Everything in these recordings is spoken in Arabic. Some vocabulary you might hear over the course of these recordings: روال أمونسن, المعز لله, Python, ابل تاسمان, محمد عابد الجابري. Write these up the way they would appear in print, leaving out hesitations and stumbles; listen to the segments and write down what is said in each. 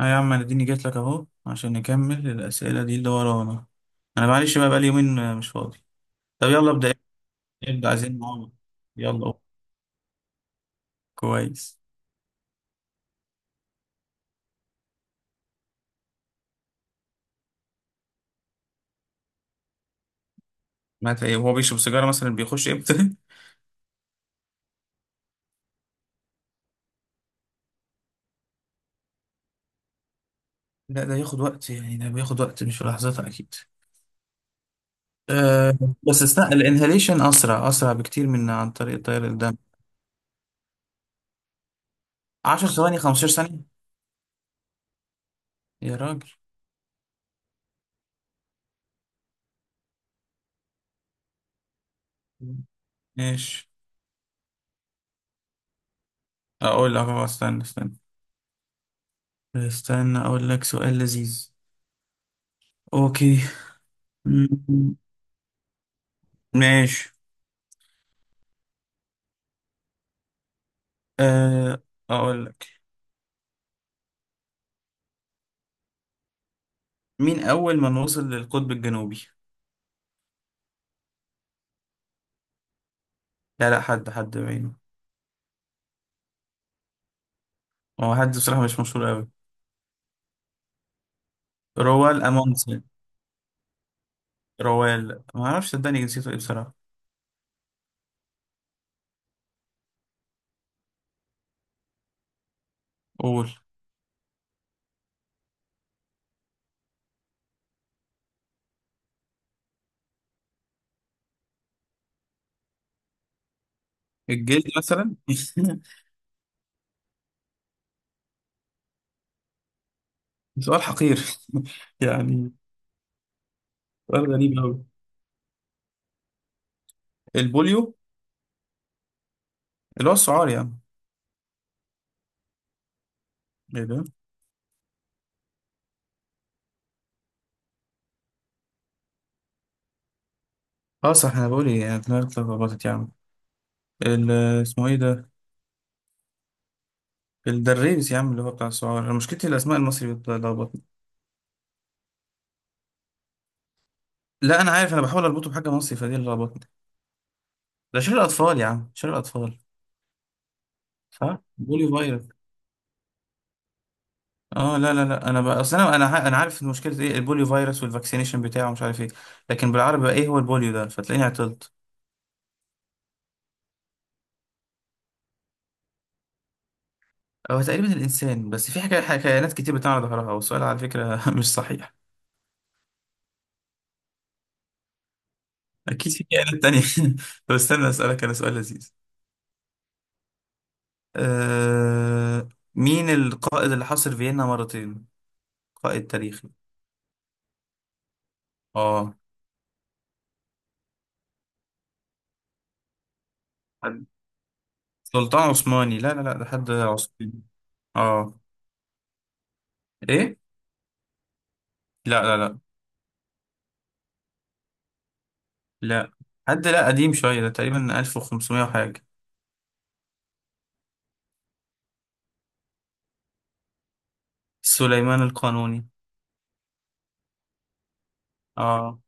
اه يا عم انا اديني جيت لك اهو عشان نكمل الاسئله دي اللي ورانا. انا معلش بقى بقالي يومين مش فاضي. طب يلا ابدا. ابدا عايزين نعمل. يلا أهو. كويس. مات ايه وهو بيشرب سيجاره مثلا بيخش امتى؟ لا ده ياخد وقت، يعني ده بياخد وقت، مش في لحظتها اكيد. أه، بس استنى الانهاليشن اسرع بكتير من عن طريق تيار الدم. 10 ثواني، 15 ثانيه. يا راجل ماشي. اقول لك أهو، استنى اقول لك سؤال لذيذ. اوكي. م- م- ماشي. أه، أقول لك، مين أول من وصل للقطب الجنوبي؟ لا، حد بعينه. هو حد بصراحة مش مشهور أوي. روال أمونسن. روال ما أعرفش صدقني جنسيته إيه بصراحة. قول. الجلد مثلا. سؤال حقير. يعني سؤال غريب أوي. البوليو اللي هو السعار يعني. إيه ده؟ أه صح، أنا بقول إيه، يعني دماغي اتلخبطت يا عم. ال- اسمه إيه ده؟ الدريس يا عم اللي هو بتاع السعار. أنا مشكلتي الأسماء المصري بتلخبطني. لا أنا عارف، أنا بحاول أربطه بحاجة مصري فدي اللي لخبطتني. ده شر الاطفال يا عم، شر الاطفال. صح، بوليو فيروس. اه، لا انا بقى اصل انا انا عارف ان مشكله ايه البوليو فيروس والفاكسينيشن بتاعه مش عارف ايه. لكن بالعربي بقى ايه هو البوليو ده، فتلاقيني عطلت. هو تقريبا الانسان، بس في حكايات كتير بتاع على ظهرها، والسؤال على فكره مش صحيح. اكيد في كائنات تانية. طب استنى اسالك انا سؤال لذيذ. آه... مين القائد اللي حاصر فيينا مرتين؟ قائد تاريخي. اه. حد- سلطان عثماني. لا، ده حد عثماني. اه. ايه. لا لا لا لا. حد لا قديم شوية، ده تقريبا 1500 وحاجة. سليمان القانوني. اه.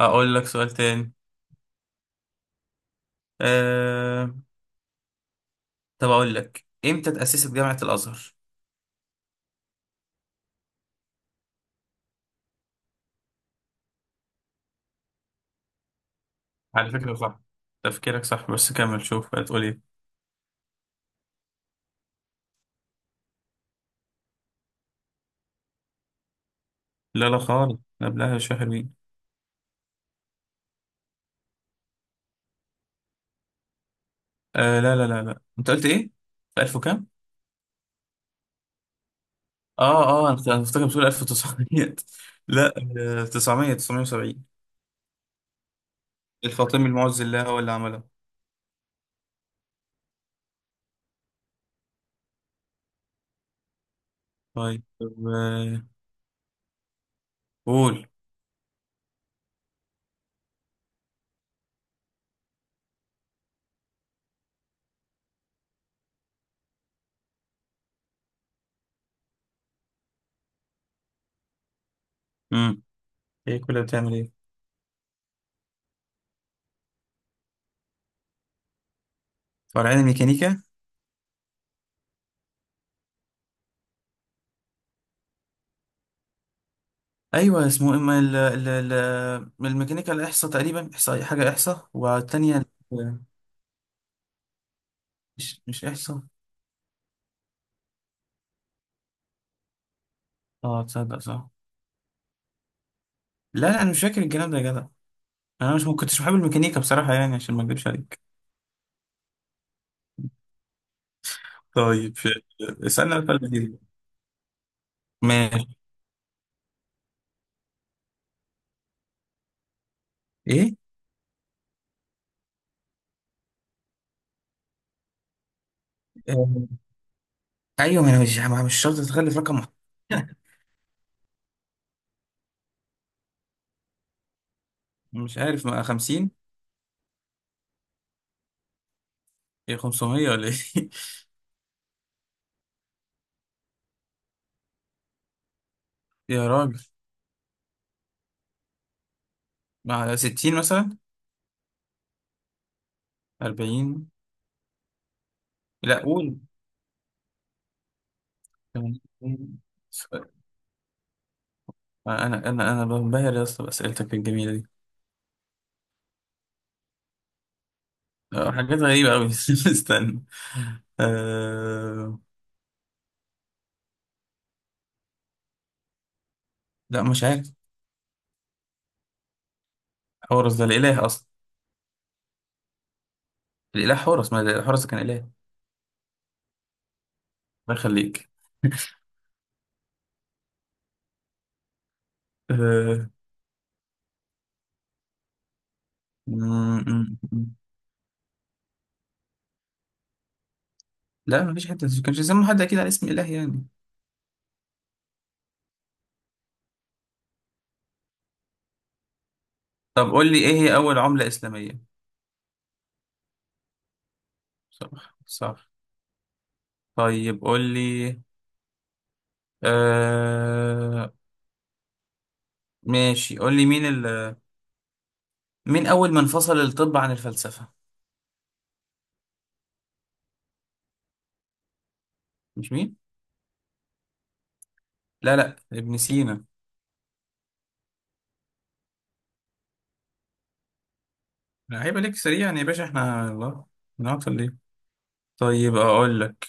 اقول لك سؤال تاني. آه... طب اقول لك، امتى اتأسست جامعة الازهر؟ على فكرة صح، تفكيرك صح، بس كمل شوف هتقول ايه. لا لا خالص، قبلها شوية حلوين. آه، لا، انت قلت ايه؟ في 1000 وكام؟ اه اه، أنا كنت فاكر بتقول 1900. لا. آه، 900، 970. الفاطمي المعز الله هو اللي عملها. طيب. آه، قول. امم، ايه كلها بتعمل ايه؟ فرعين ميكانيكا. ايوه اسمه، اما ال الميكانيكا الاحصاء، تقريبا احصاء، حاجه احصاء، والتانيه ال- مش احصاء. اه تصدق صح. لا لا، انا مش فاكر الكلام ده يا جدع. انا مش ما كنتش بحب الميكانيكا بصراحه، يعني عشان ما اكذبش عليك. طيب اسالنا بقى الفيديو. ماشي. ايه. آه، ايوه، ما انا مش شرط تخلي في رقم محدد. مش عارف، ما 50. ايه 500 ولا ايه؟ يا راجل. مع 60 مثلا. 40. لا قول. 80. انا بنبهر يا اسطى باسئلتك الجميله دي. آه، حاجات غريبه قوي. استنى. أه... لا مش عارف. حورس ده الاله اصلا. الاله حورس، ما حورس كان اله. الله يخليك. أه... م- م- م. لا مفيش حد، ما فيش حته كانش يسموا حد اكيد على اسم اله يعني. طب قول لي، ايه هي اول عمله اسلاميه؟ صح صح. طيب قول لي، أه... ماشي قول لي، مين اول من فصل الطب عن الفلسفه؟ مش مين؟ لا لا، ابن سينا. لا، هيبقى ليك سريعا يا باشا، احنا الله بنعطل ليه. طيب اقول لك،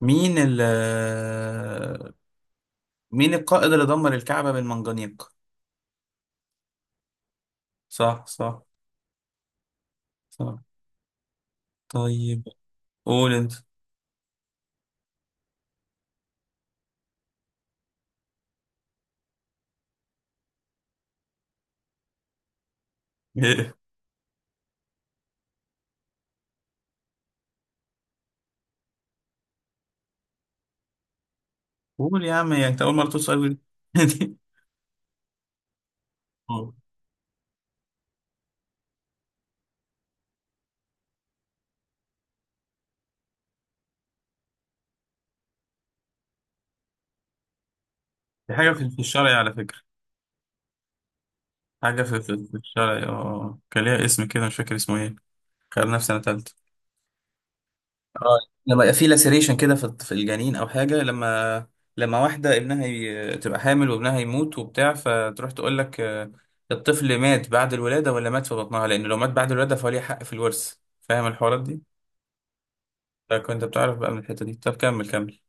مين ال مين القائد اللي دمر الكعبة بالمنجنيق؟ صح صح صح. طيب. قول انت. قول يا عم، يعني انت اول مرة تسأل دي. أه. دي حاجة في في الشرعي على فكرة. حاجة في الشرعي، اه كان ليها اسم كده مش فاكر اسمه ايه. خلينا في سنة تالتة. اه. لما يبقى في لاسيريشن كده في في الجنين او حاجه. لما لما واحده ابنها تبقى حامل وابنها يموت وبتاع، فتروح تقول لك آه، الطفل مات بعد الولاده ولا مات في بطنها، لان لو مات بعد الولاده فهو ليه حق في الورث. فاهم الحوارات دي؟ فكنت بتعرف بقى من الحته دي. طب كمل كمل.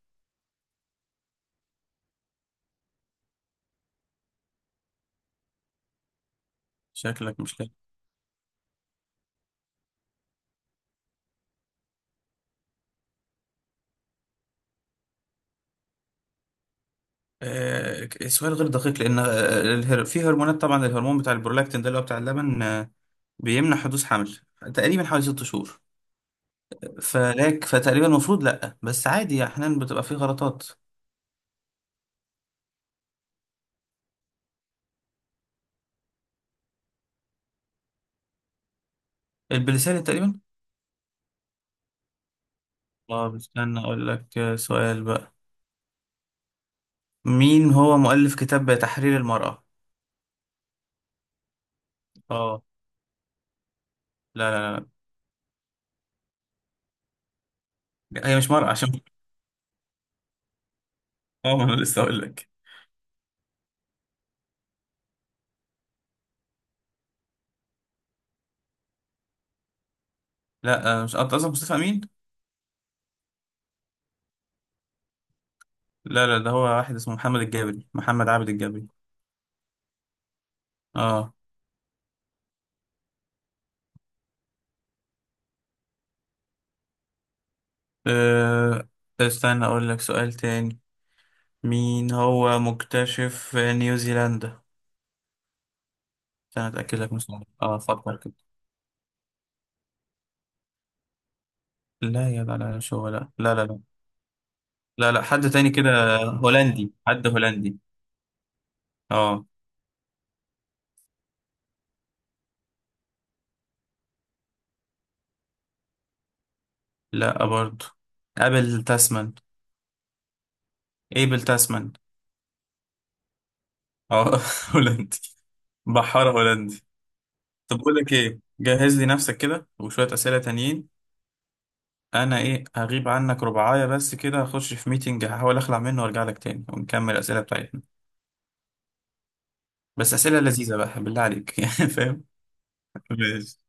شكلك مش لاقي. آه سؤال غير دقيق، لان في هرمونات طبعا، الهرمون بتاع البرولاكتين ده اللي هو بتاع اللبن، بيمنع حدوث حمل تقريبا حوالي ست شهور. فلاك، فتقريبا المفروض لا، بس عادي احيانا بتبقى في غلطات. البلساني تقريبا. اه استنى اقول لك، سؤال بقى. مين هو مؤلف كتاب تحرير المرأة؟ اه. لا لا، هي مش مرأة عشان. اه، ما انا لسه اقول لك. لا، مش انت قصدك مصطفى امين. لا لا، ده هو واحد اسمه محمد الجابري، محمد عابد الجابري. اه. آه، استنى اقول لك سؤال تاني. مين هو مكتشف نيوزيلندا؟ استنى اتاكد لك من سؤال، اه فكر كده. لا يا، لا مش هو، لا. لا حد تاني كده. هولندي، حد هولندي. اه. لا برضو. ابل تاسمان. ايبل تاسمان. اه. هولندي، بحارة هولندي. طب بقول لك ايه، جهز لي نفسك كده وشوية اسئلة تانيين. انا ايه هغيب عنك ربعاية بس كده، هخش في ميتنج هحاول اخلع منه وارجع لك تاني ونكمل الاسئلة بتاعتنا. بس اسئلة لذيذة بقى بالله عليك يعني، فاهم؟ ماشي.